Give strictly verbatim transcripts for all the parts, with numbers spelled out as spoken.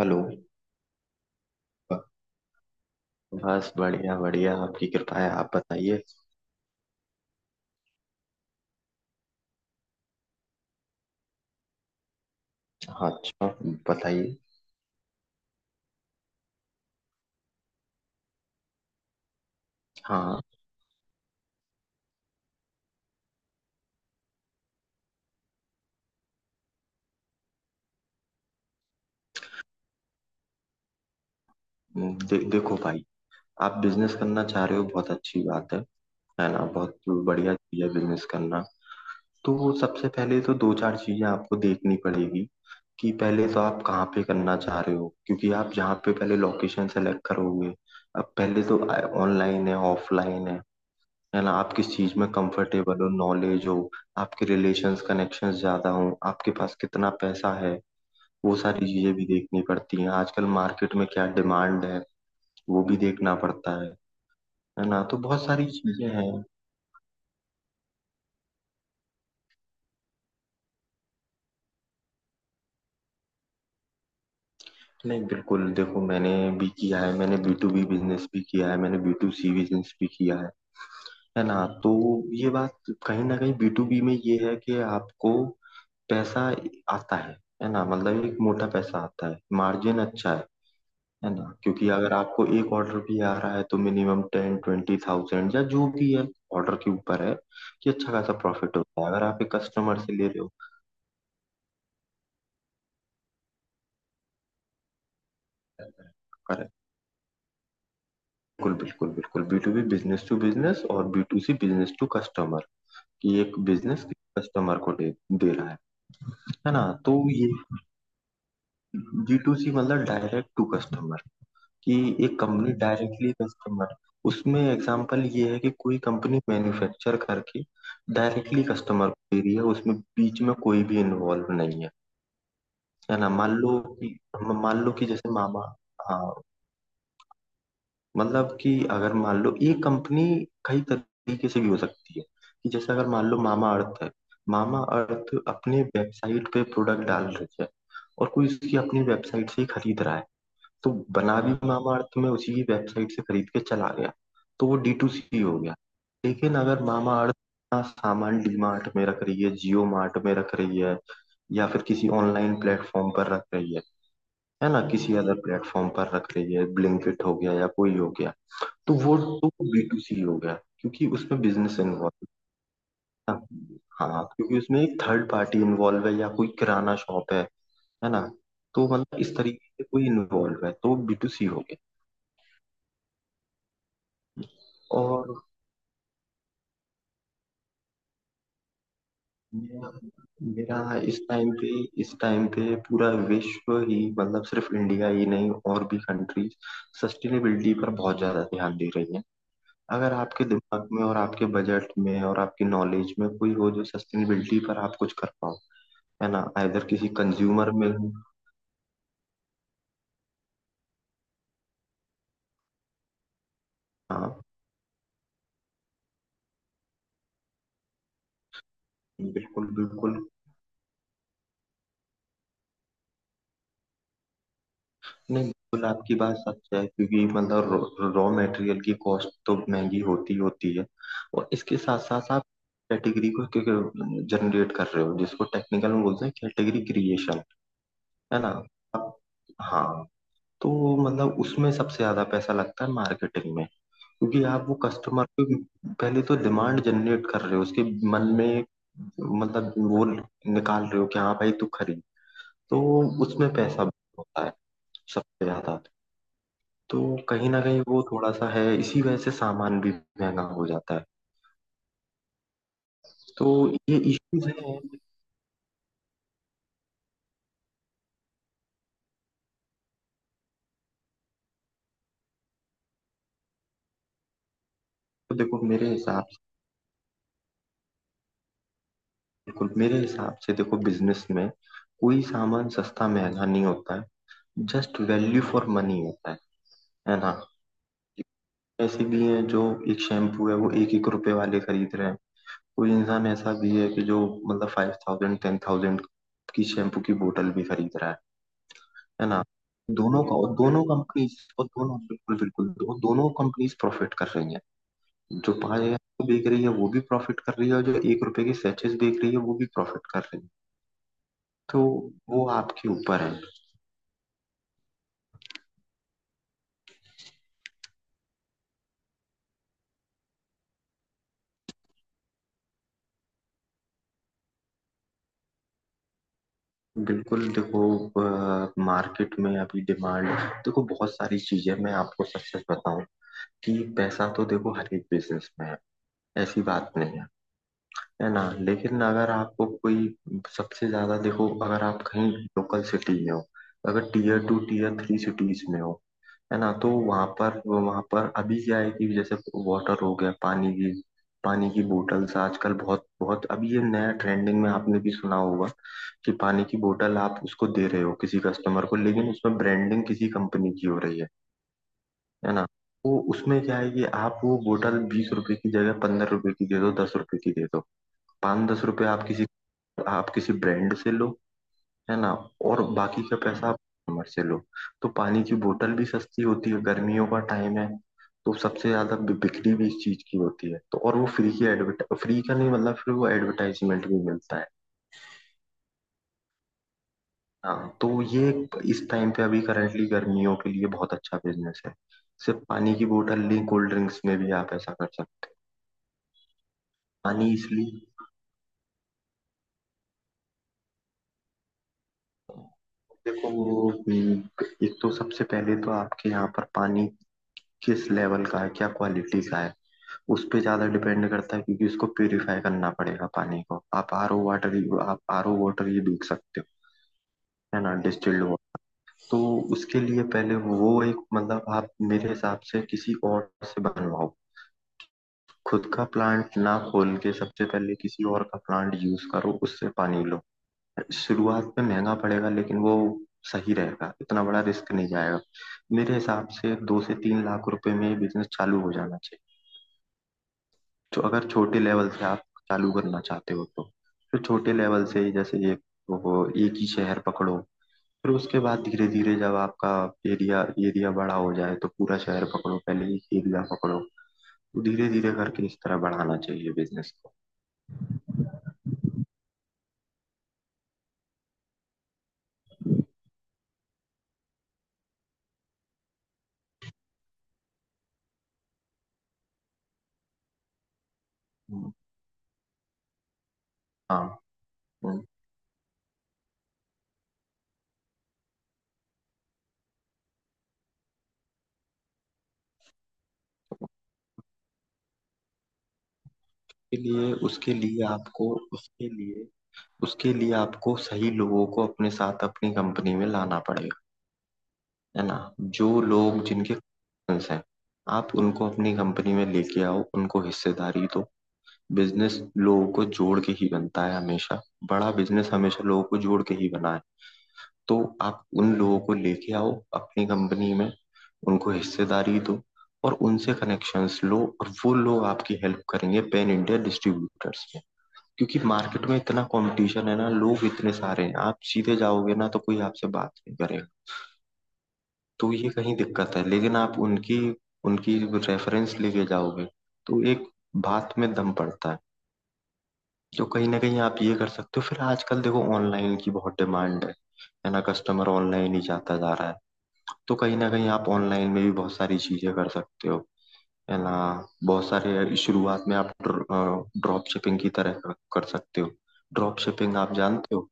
Hello. बस बढ़िया बढ़िया, आपकी कृपा है, आप बताइए। हाँ, अच्छा, बताइए। हाँ। दे, देखो भाई, आप बिजनेस करना चाह रहे हो, बहुत अच्छी बात है है ना? बहुत बढ़िया चीज है बिजनेस करना। तो सबसे पहले तो दो चार चीजें आपको देखनी पड़ेगी कि पहले तो आप कहाँ पे करना चाह रहे हो, क्योंकि आप जहाँ पे पहले लोकेशन सेलेक्ट करोगे। अब पहले तो ऑनलाइन है ऑफलाइन है है ना? आप किस चीज में कंफर्टेबल हो, नॉलेज हो, आपके रिलेशंस कनेक्शंस ज्यादा हो, आपके पास कितना पैसा है, वो सारी चीजें भी देखनी पड़ती हैं। आजकल मार्केट में क्या डिमांड है, वो भी देखना पड़ता है है ना? तो बहुत सारी चीजें हैं। नहीं बिल्कुल, देखो मैंने भी किया है, मैंने बी टू बी बिजनेस भी किया है, मैंने बी टू सी बिजनेस भी किया है है ना? तो ये बात, कहीं ना कहीं बी टू बी में ये है कि आपको पैसा आता है है ना? मतलब एक मोटा पैसा आता है, मार्जिन अच्छा है है ना? क्योंकि अगर आपको एक ऑर्डर भी आ रहा है तो मिनिमम टेन ट्वेंटी थाउजेंड या जो भी है ऑर्डर के ऊपर है, कि अच्छा खासा प्रॉफिट होता है अगर आप एक कस्टमर से ले रहे हो। करेक्ट, बिल्कुल बिल्कुल बिल्कुल, B to B business to business और B to C business to customer, कि एक बिजनेस कस्टमर को दे, दे रहा है है ना? तो ये जी टू सी मतलब डायरेक्ट टू कस्टमर, कि एक कंपनी डायरेक्टली कस्टमर। उसमें एग्जांपल ये है कि कोई कंपनी मैन्युफैक्चर करके डायरेक्टली कस्टमर को दे रही है, उसमें बीच में कोई भी इन्वॉल्व नहीं है, है ना? मान लो कि मान लो कि जैसे मामा, हाँ, मतलब कि अगर मान लो ये कंपनी कई तरीके से भी हो सकती है, कि जैसे अगर मान लो मामा अर्थ है, मामा अर्थ अपने वेबसाइट पे प्रोडक्ट डाल रही है और कोई उसकी अपनी वेबसाइट से ही खरीद रहा है, तो बना भी, हाँ मामाअर्थ में उसी की वेबसाइट से खरीद के चला गया, तो वो डी टू सी हो गया। लेकिन अगर मामाअर्थ अपना सामान डी मार्ट में रख रही है, जियो मार्ट में रख रही है, या फिर किसी ऑनलाइन प्लेटफॉर्म पर रख रही है है ना? किसी अदर प्लेटफॉर्म पर रख रही है, ब्लिंकिट हो गया या कोई हो गया, तो वो तो बी टू सी हो गया, क्योंकि उसमें बिजनेस इन्वॉल्व, है ना? हाँ, क्योंकि उसमें एक थर्ड पार्टी इन्वॉल्व है या कोई किराना शॉप है है ना? तो मतलब इस तरीके से कोई इन्वॉल्व है तो बी टू सी हो गया। और मेरा मेरा इस टाइम पे इस टाइम पे पूरा विश्व ही, मतलब सिर्फ इंडिया ही नहीं और भी कंट्रीज सस्टेनेबिलिटी पर बहुत ज्यादा ध्यान दे रही हैं। अगर आपके दिमाग में और आपके बजट में और आपकी नॉलेज में कोई हो जो सस्टेनेबिलिटी पर आप कुछ कर पाओ, है ना? आइदर किसी कंज्यूमर में हो, हाँ, बिल्कुल बिल्कुल। नहीं बिल्कुल, आपकी बात सच है, क्योंकि मतलब रॉ मटेरियल की कॉस्ट तो महंगी होती ही होती है, और इसके साथ साथ आप कैटेगरी को क्योंकि जनरेट कर रहे हो, जिसको टेक्निकल में बोलते हैं कैटेगरी क्रिएशन, है ना? आप, हाँ, तो मतलब उसमें सबसे ज्यादा पैसा लगता है मार्केटिंग में, क्योंकि आप वो कस्टमर को पहले तो डिमांड जनरेट कर रहे हो, उसके मन में एक, मतलब वो निकाल रहे हो कि हाँ भाई तू खरीद। तो उसमें पैसा होता है सबसे ज्यादा। तो कहीं ना कहीं वो थोड़ा-सा है, इसी वजह से सामान भी महँगा हो जाता है। तो ये इश्यूज़ हैं। तो देखो मेरे हिसाब से, देखो मेरे हिसाब से देखो, बिज़नेस में कोई सामान सस्ता महँगा नहीं होता है, जस्ट वैल्यू फॉर मनी होता है, है ना? ऐसे भी हैं जो एक शैम्पू है वो एक एक रुपए वाले खरीद रहे हैं, कोई इंसान ऐसा भी है कि जो मतलब पाँच हज़ार दस हज़ार की शैम्पू की बोतल भी खरीद रहा है, है ना? दोनों का, और दोनों कंपनीज़, और दोनों बिल्कुल, बिल्कुल, दो दोनों कंपनीज़ प्रॉफ़िट कर रही हैं। जो पाँच हजार की बेच रही है वो भी प्रॉफिट कर रही है, और जो एक रुपए की सैचेस बेच रही है वो भी प्रॉफिट कर रही है। तो वो आपके ऊपर है। बिल्कुल देखो, मार्केट में अभी डिमांड, देखो बहुत सारी चीजें, मैं आपको सच सच बताऊं कि पैसा तो देखो हर एक बिजनेस में है, ऐसी बात नहीं है, है ना? लेकिन अगर आपको कोई, सबसे ज्यादा देखो, अगर आप कहीं लोकल सिटी में हो, अगर tier two tier three cities में हो, है ना? तो वहां पर, वहां पर अभी क्या है कि जैसे वाटर हो गया, पानी की, पानी की बोटल्स आजकल बहुत बहुत, अभी ये नया ट्रेंडिंग में आपने भी सुना होगा कि पानी की बोतल आप उसको दे रहे हो किसी कस्टमर को, लेकिन उसमें ब्रांडिंग किसी कंपनी की हो रही है है ना? तो उसमें क्या है कि आप वो बोतल बीस रुपए की जगह पंद्रह रुपए की दे दो, दस रुपए की दे दो, पाँच दस रुपए आप किसी, आप किसी ब्रांड से लो, है ना? और बाकी का पैसा आप कस्टमर से लो। तो पानी की बोतल भी सस्ती होती है, गर्मियों का टाइम है, तो सबसे ज्यादा बि- बिक्री भी इस चीज की होती है। तो और वो फ्री की एडवर्ट, फ्री का नहीं मतलब, फिर वो एडवर्टाइजमेंट भी मिलता है। हाँ, तो ये एक- इस टाइम पे अभी करंटली गर्मियों के लिए बहुत अच्छा बिजनेस है। सिर्फ पानी की बोतल नहीं, कोल्ड ड्रिंक्स में भी आप ऐसा कर सकते हैं। पानी इसलिए, देखो वो, हम्म, एक तो सबसे पहले तो आपके यहाँ पर पानी किस लेवल का है, क्या क्वालिटी का है, उस पे ज्यादा डिपेंड करता है, क्योंकि उसको प्यूरिफाई करना पड़ेगा पानी को। आप आर ओ वाटर आप आर ओ वाटर ये दूध सकते हो, है ना? Distilled water. तो उसके लिए पहले वो एक, मतलब आप मेरे हिसाब से किसी और से बनवाओ, खुद का प्लांट ना खोल के सबसे पहले, किसी और का प्लांट यूज करो, उससे पानी लो। शुरुआत में महंगा पड़ेगा, लेकिन वो सही रहेगा, इतना बड़ा रिस्क नहीं जाएगा। मेरे हिसाब से दो से तीन लाख रुपए में बिजनेस चालू हो जाना। तो अगर छोटे लेवल से आप चालू करना चाहते हो तो फिर छोटे लेवल से ही, जैसे एक, वो एक ही शहर पकड़ो। फिर उसके बाद धीरे धीरे जब आपका एरिया एरिया बड़ा हो जाए तो पूरा शहर पकड़ो, पहले एक एरिया पकड़ो। तो धीरे धीरे करके इस तरह बढ़ाना चाहिए बिजनेस को। हम्म, हाँ, हम्म। उसके लिए उसके लिए आपको उसके लिए उसके लिए आपको सही लोगों को अपने साथ अपनी कंपनी में लाना पड़ेगा, है ना? जो लोग, जिनके connections हैं, आप उनको अपनी कंपनी में लेके आओ, उनको हिस्सेदारी दो। बिजनेस लोगों को जोड़ के ही बनता है हमेशा, बड़ा बिजनेस हमेशा लोगों को जोड़ के ही बना है। तो आप उन लोगों को लेके आओ अपनी कंपनी में, उनको हिस्सेदारी दो और उनसे कनेक्शंस लो, और वो लोग आपकी हेल्प करेंगे पैन इंडिया डिस्ट्रीब्यूटर्स में। क्योंकि मार्केट में इतना कंपटीशन है ना, लोग इतने सारे हैं, आप सीधे जाओगे ना तो कोई आपसे बात नहीं करेगा। तो ये कहीं दिक्कत है, लेकिन आप उनकी उनकी रेफरेंस लेके जाओगे तो एक बात में दम पड़ता है। तो कहीं ना कहीं आप ये कर सकते हो। फिर आजकल देखो ऑनलाइन की बहुत डिमांड है है ना? कस्टमर ऑनलाइन ही जाता जा रहा है। तो कहीं ना कहीं आप ऑनलाइन में भी बहुत सारी चीजें कर सकते हो, है ना? बहुत सारे, शुरुआत में आप ड्रॉप शिपिंग की तरह कर, कर सकते हो। ड्रॉप शिपिंग आप जानते हो?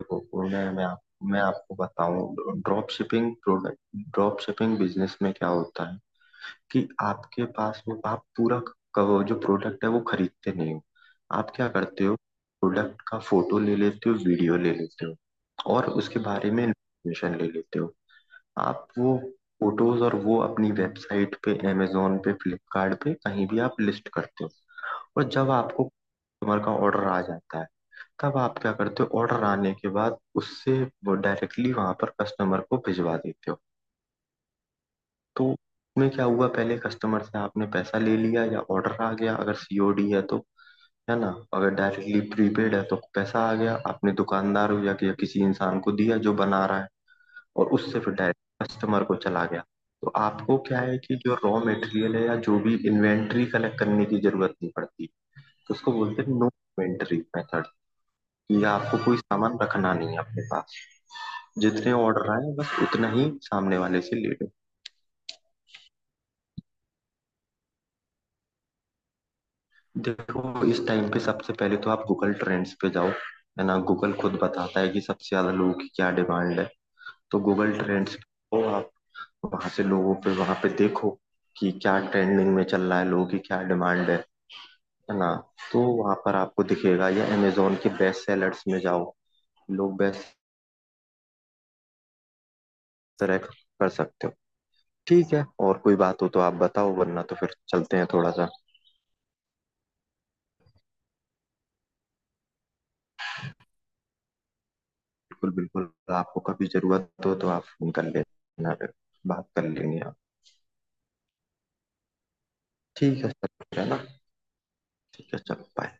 देखो मैं मैं, आप, मैं आपको बताऊं, drop shipping product drop shipping business में क्या होता है, कि आपके पास में आप पूरा कवर, जो प्रोडक्ट है वो खरीदते नहीं हो। आप क्या करते हो, प्रोडक्ट का फोटो ले लेते हो, वीडियो ले लेते हो और उसके बारे में इंफॉर्मेशन ले लेते हो। आप वो फोटोज और वो अपनी वेबसाइट पे, amazon पे, फ्लिपकार्ट पे कहीं भी आप लिस्ट करते हो। और जब आपको कस्टमर का ऑर्डर आ जाता है, तब आप क्या करते हो, ऑर्डर आने के बाद उससे वो डायरेक्टली वहां पर कस्टमर को भिजवा देते हो। तो उसमें क्या हुआ, पहले कस्टमर से आपने पैसा ले लिया या ऑर्डर आ गया अगर सीओडी है तो, है ना? अगर डायरेक्टली प्रीपेड है तो पैसा आ गया, आपने दुकानदार या, या किसी इंसान को दिया जो बना रहा है, और उससे फिर डायरेक्ट कस्टमर को चला गया। तो आपको क्या है कि जो रॉ मटेरियल है या जो भी इन्वेंट्री कलेक्ट करने की जरूरत नहीं पड़ती। तो उसको बोलते हैं नो इन्वेंट्री मेथड, कि आपको कोई सामान रखना नहीं है अपने पास। जितने ऑर्डर आए बस उतना ही सामने वाले से ले लो। देखो इस टाइम पे सबसे पहले तो आप गूगल ट्रेंड्स पे जाओ, है ना? गूगल खुद बताता है कि सबसे ज्यादा लोगों की क्या डिमांड है। तो गूगल ट्रेंड्स पे जाओ, आप वहां से लोगों पे, वहां पे देखो कि क्या ट्रेंडिंग में चल रहा है, लोगों की क्या डिमांड है है ना? तो वहां पर आपको दिखेगा, या अमेजोन के बेस्ट सेलर्स में जाओ, लोग बेस्ट सेलेक्ट कर सकते हो। ठीक है, और कोई बात हो तो आप बताओ, वरना तो फिर चलते हैं थोड़ा सा। बिल्कुल बिल्कुल, आपको कभी जरूरत हो तो आप फोन कर लेना, फिर बात कर लेंगे। ठीक है सर, है ना? ठीक है सर, बाय।